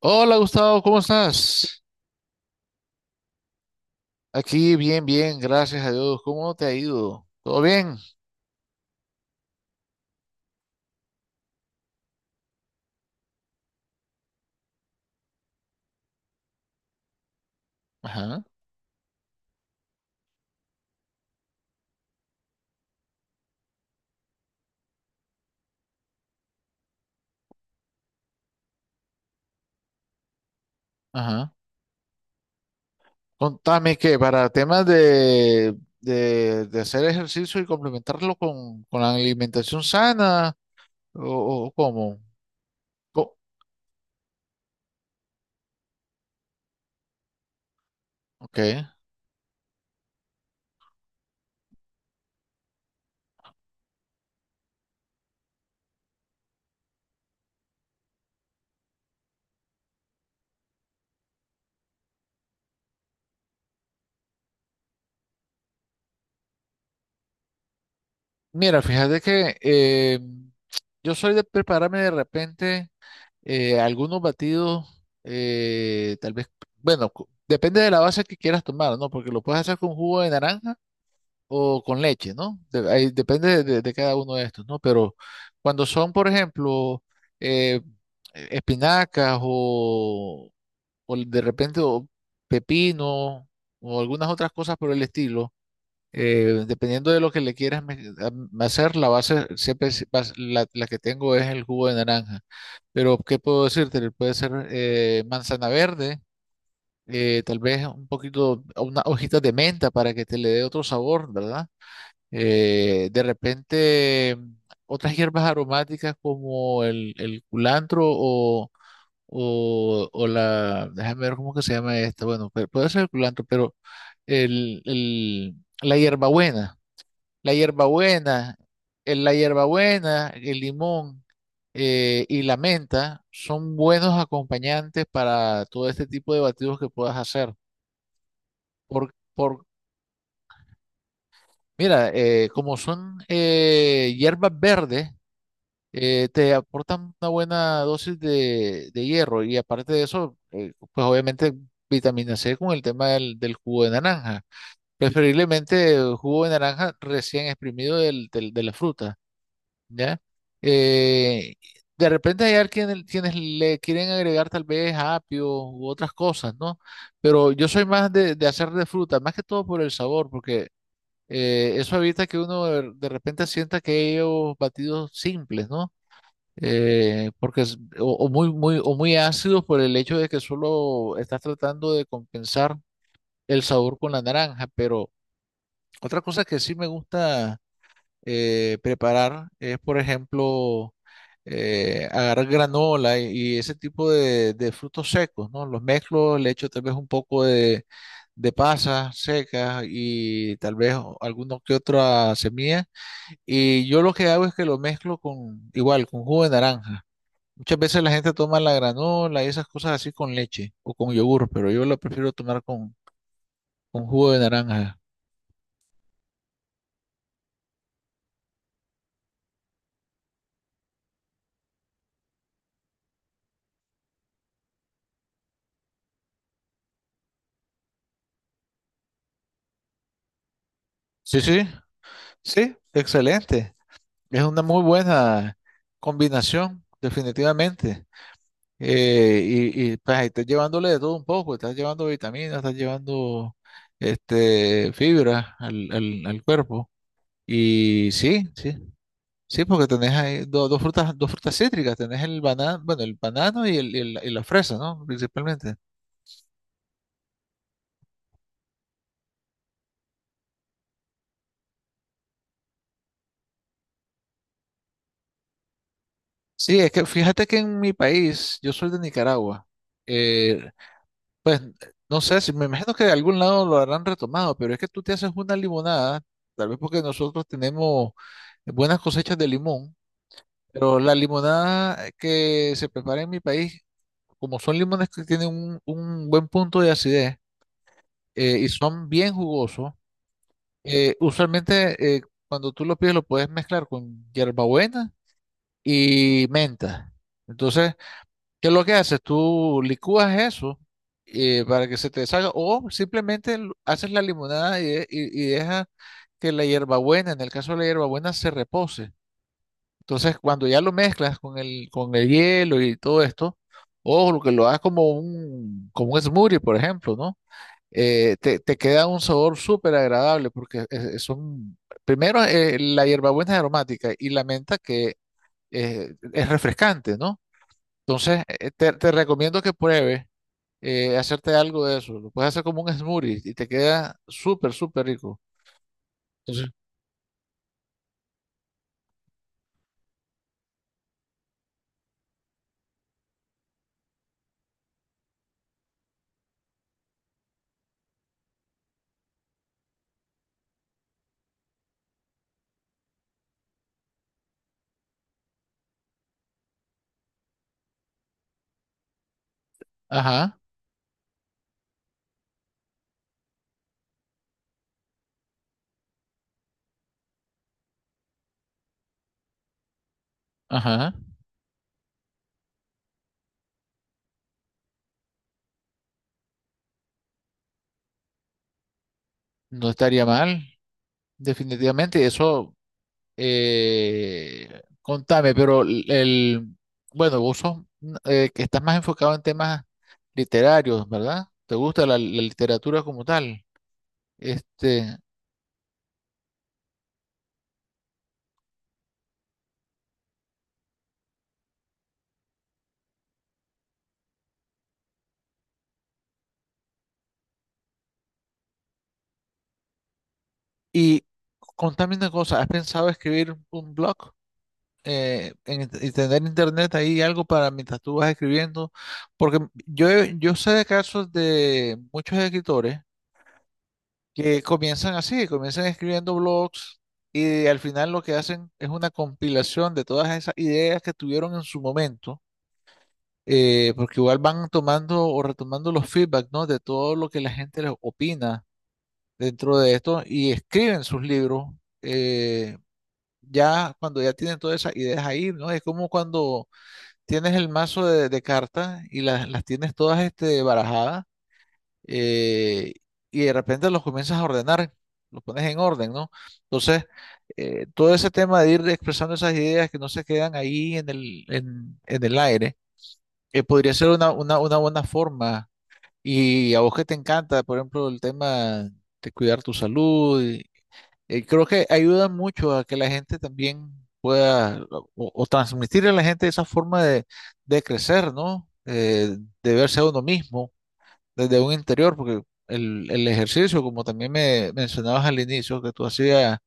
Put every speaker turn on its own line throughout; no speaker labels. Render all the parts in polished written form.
Hola Gustavo, ¿cómo estás? Aquí bien, bien, gracias a Dios. ¿Cómo te ha ido? ¿Todo bien? Ajá, ajá. Contame que para temas de hacer ejercicio y complementarlo con la alimentación sana o cómo. Co- ok. Mira, fíjate que yo soy de prepararme de repente algunos batidos, tal vez, bueno, depende de la base que quieras tomar, ¿no? Porque lo puedes hacer con jugo de naranja o con leche, ¿no? Ahí depende de cada uno de estos, ¿no? Pero cuando son, por ejemplo, eh, espinacas o de repente o pepino o algunas otras cosas por el estilo, dependiendo de lo que le quieras hacer, la base siempre la que tengo es el jugo de naranja. Pero, ¿qué puedo decirte? Puede ser manzana verde. Tal vez un poquito, unas hojitas de menta para que te le dé otro sabor, ¿verdad? De repente, otras hierbas aromáticas como el culantro o la, déjame ver cómo que se llama esta, bueno, pero puede ser el culantro, pero el, el- la hierbabuena, la hierbabuena, el limón y la menta son buenos acompañantes para todo este tipo de batidos que puedas hacer. Por, por, Mira, como son hierbas verdes, te aportan una buena dosis de hierro y aparte de eso, pues obviamente vitamina C con el tema del jugo de naranja, preferiblemente jugo de naranja recién exprimido de la fruta, ¿ya? Eh, de repente hay quienes le quieren agregar tal vez apio u otras cosas, ¿no? Pero yo soy más de hacer de fruta, más que todo por el sabor, porque eso evita que uno de repente sienta que ellos batidos simples, ¿no? Porque es, o muy, muy, o muy ácidos por el hecho de que solo estás tratando de compensar el sabor con la naranja. Pero otra cosa que sí me gusta preparar es, por ejemplo, agarrar granola y ese tipo de frutos secos, ¿no? Los mezclo, le echo tal vez un poco de pasas secas y tal vez alguno que otra semilla. Y yo lo que hago es que lo mezclo con, igual, con jugo de naranja. Muchas veces la gente toma la granola y esas cosas así con leche o con yogur, pero yo la prefiero tomar con jugo de naranja. Sí, sí, sí, excelente. Es una muy buena combinación, definitivamente. Pues ahí estás llevándole de todo un poco, estás llevando vitaminas, estás llevando este, fibra al cuerpo. Y sí, sí, sí, porque tenés ahí dos frutas cítricas, tenés el banano, bueno, el banano y la fresa, ¿no? Principalmente. Sí, es que fíjate que en mi país, yo soy de Nicaragua, eh, pues no sé, si, me imagino que de algún lado lo habrán retomado, pero es que tú te haces una limonada, tal vez porque nosotros tenemos buenas cosechas de limón, pero la limonada que se prepara en mi país, como son limones que tienen un buen punto de acidez y son bien jugosos, usualmente cuando tú lo pides lo puedes mezclar con hierbabuena y menta. Entonces, ¿qué es lo que haces? Tú licúas eso para que se te salga o simplemente haces la limonada y dejas que la hierbabuena, en el caso de la hierbabuena, se repose. Entonces, cuando ya lo mezclas con el hielo y todo esto, o lo que lo hagas como un smoothie, por ejemplo, ¿no? Te queda un sabor súper agradable porque son, primero, la hierbabuena es aromática y la menta que es refrescante, ¿no? Entonces, te recomiendo que pruebes hacerte algo de eso. Lo puedes hacer como un smoothie y te queda súper, súper rico. Entonces, ajá, ajá. No estaría mal, definitivamente. Eso, contame, pero bueno, vos sos, que estás más enfocado en temas literarios, ¿verdad? ¿Te gusta la literatura como tal? Este, y contame una cosa, ¿has pensado escribir un blog? Y tener internet ahí algo para mientras tú vas escribiendo, porque yo sé de casos de muchos escritores que comienzan así, comienzan escribiendo blogs y al final lo que hacen es una compilación de todas esas ideas que tuvieron en su momento, porque igual van tomando o retomando los feedback, ¿no?, de todo lo que la gente les opina dentro de esto y escriben sus libros. eh, Ya cuando ya tienen todas esas ideas ahí, ¿no? Es como cuando tienes el mazo de cartas y las tienes todas barajadas eh, y de repente los comienzas a ordenar, los pones en orden, ¿no? Entonces, todo ese tema de ir expresando esas ideas que no se quedan ahí en el aire, podría ser una buena forma. Y a vos que te encanta, por ejemplo, el tema de cuidar tu salud, creo que ayuda mucho a que la gente también pueda o transmitirle a la gente esa forma de crecer, ¿no? De verse a uno mismo desde un interior, porque el ejercicio, como también me mencionabas al inicio, que tú hacías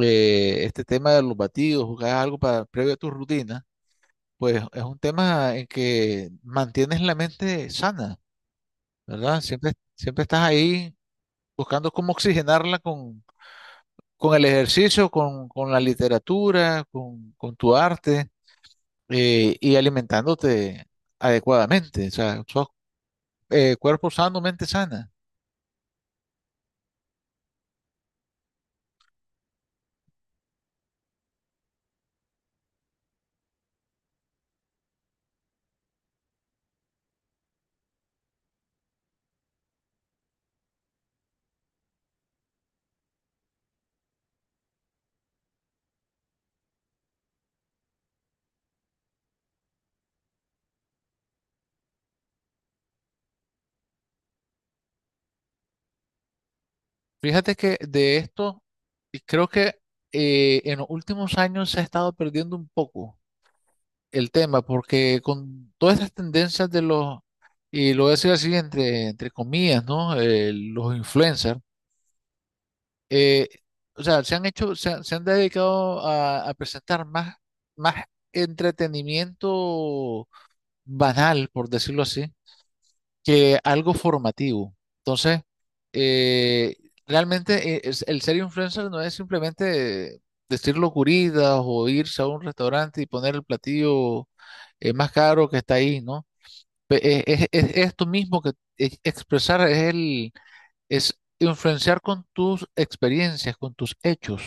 este tema de los batidos, jugabas algo para, previo a tu rutina, pues es un tema en que mantienes la mente sana, ¿verdad? Siempre, siempre estás ahí buscando cómo oxigenarla con el ejercicio, con la literatura, con tu arte y alimentándote adecuadamente. O sea, sos cuerpo sano, mente sana. Fíjate que de esto y creo que en los últimos años se ha estado perdiendo un poco el tema porque con todas estas tendencias de los, y lo voy a decir así entre comillas, ¿no? Los influencers eh, o sea, se han hecho, se han dedicado a presentar más, más entretenimiento banal, por decirlo así, que algo formativo. Entonces, eh, realmente el ser influencer no es simplemente decir locuridas o irse a un restaurante y poner el platillo más caro que está ahí, ¿no? Es tú mismo que expresar, es influenciar con tus experiencias, con tus hechos,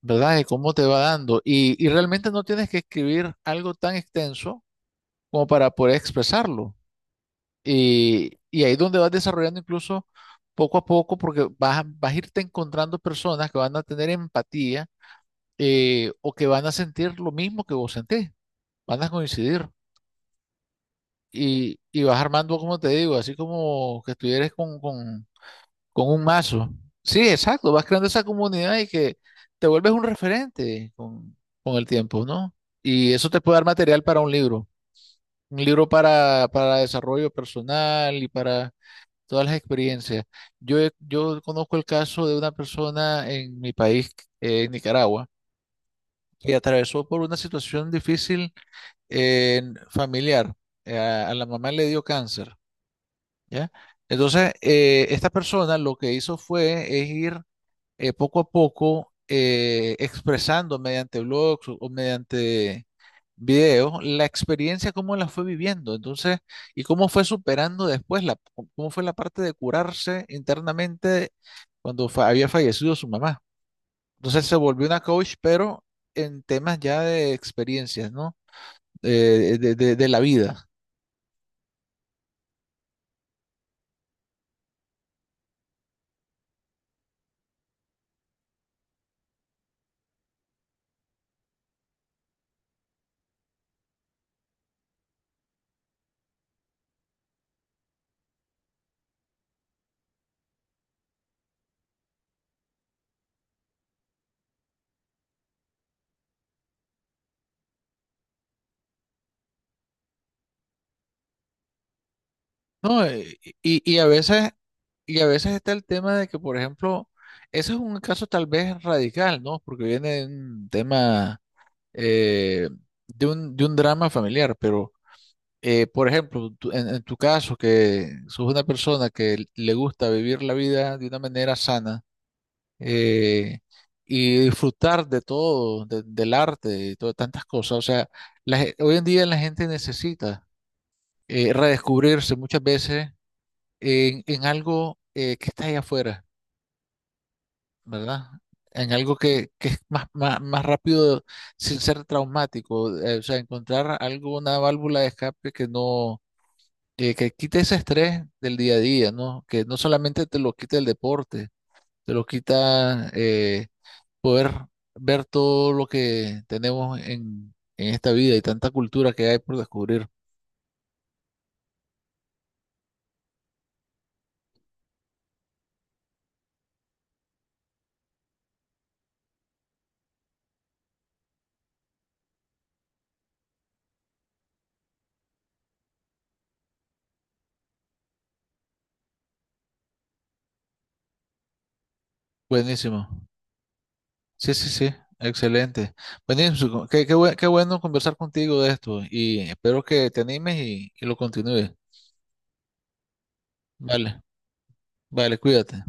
¿verdad? De cómo te va dando. Y realmente no tienes que escribir algo tan extenso como para poder expresarlo. Y ahí es donde vas desarrollando incluso poco a poco, porque vas a irte encontrando personas que van a tener empatía, o que van a sentir lo mismo que vos sentís, van a coincidir. Y vas armando, como te digo, así como que estuvieras con, con un mazo. Sí, exacto, vas creando esa comunidad y que te vuelves un referente con el tiempo, ¿no? Y eso te puede dar material para un libro para desarrollo personal y para todas las experiencias. Yo conozco el caso de una persona en mi país, en Nicaragua, que atravesó por una situación difícil, eh, familiar. A la mamá le dio cáncer, ¿ya? Entonces, esta persona lo que hizo fue es ir, poco a poco, expresando mediante blogs o mediante videos la experiencia, cómo la fue viviendo, entonces, y cómo fue superando después, cómo fue la parte de curarse internamente cuando había fallecido su mamá. Entonces se volvió una coach, pero en temas ya de experiencias, ¿no? De la vida. No, y, y a veces, y a veces está el tema de que, por ejemplo, ese es un caso tal vez radical, ¿no? Porque viene de un tema, eh, de un drama familiar, pero, por ejemplo, en tu caso, que sos una persona que le gusta vivir la vida de una manera sana eh, y disfrutar de todo, del arte y todas tantas cosas, o sea, hoy en día la gente necesita redescubrirse muchas veces en algo que está ahí afuera, ¿verdad? En algo que es más rápido sin ser traumático, o sea, encontrar algo, una válvula de escape que no, que quite ese estrés del día a día, ¿no? Que no solamente te lo quita el deporte, te lo quita, poder ver todo lo que tenemos en esta vida y tanta cultura que hay por descubrir. Buenísimo. Sí, sí, sí, excelente. Buenísimo, qué bueno conversar contigo de esto y espero que te animes y lo continúes. Vale, vale, cuídate.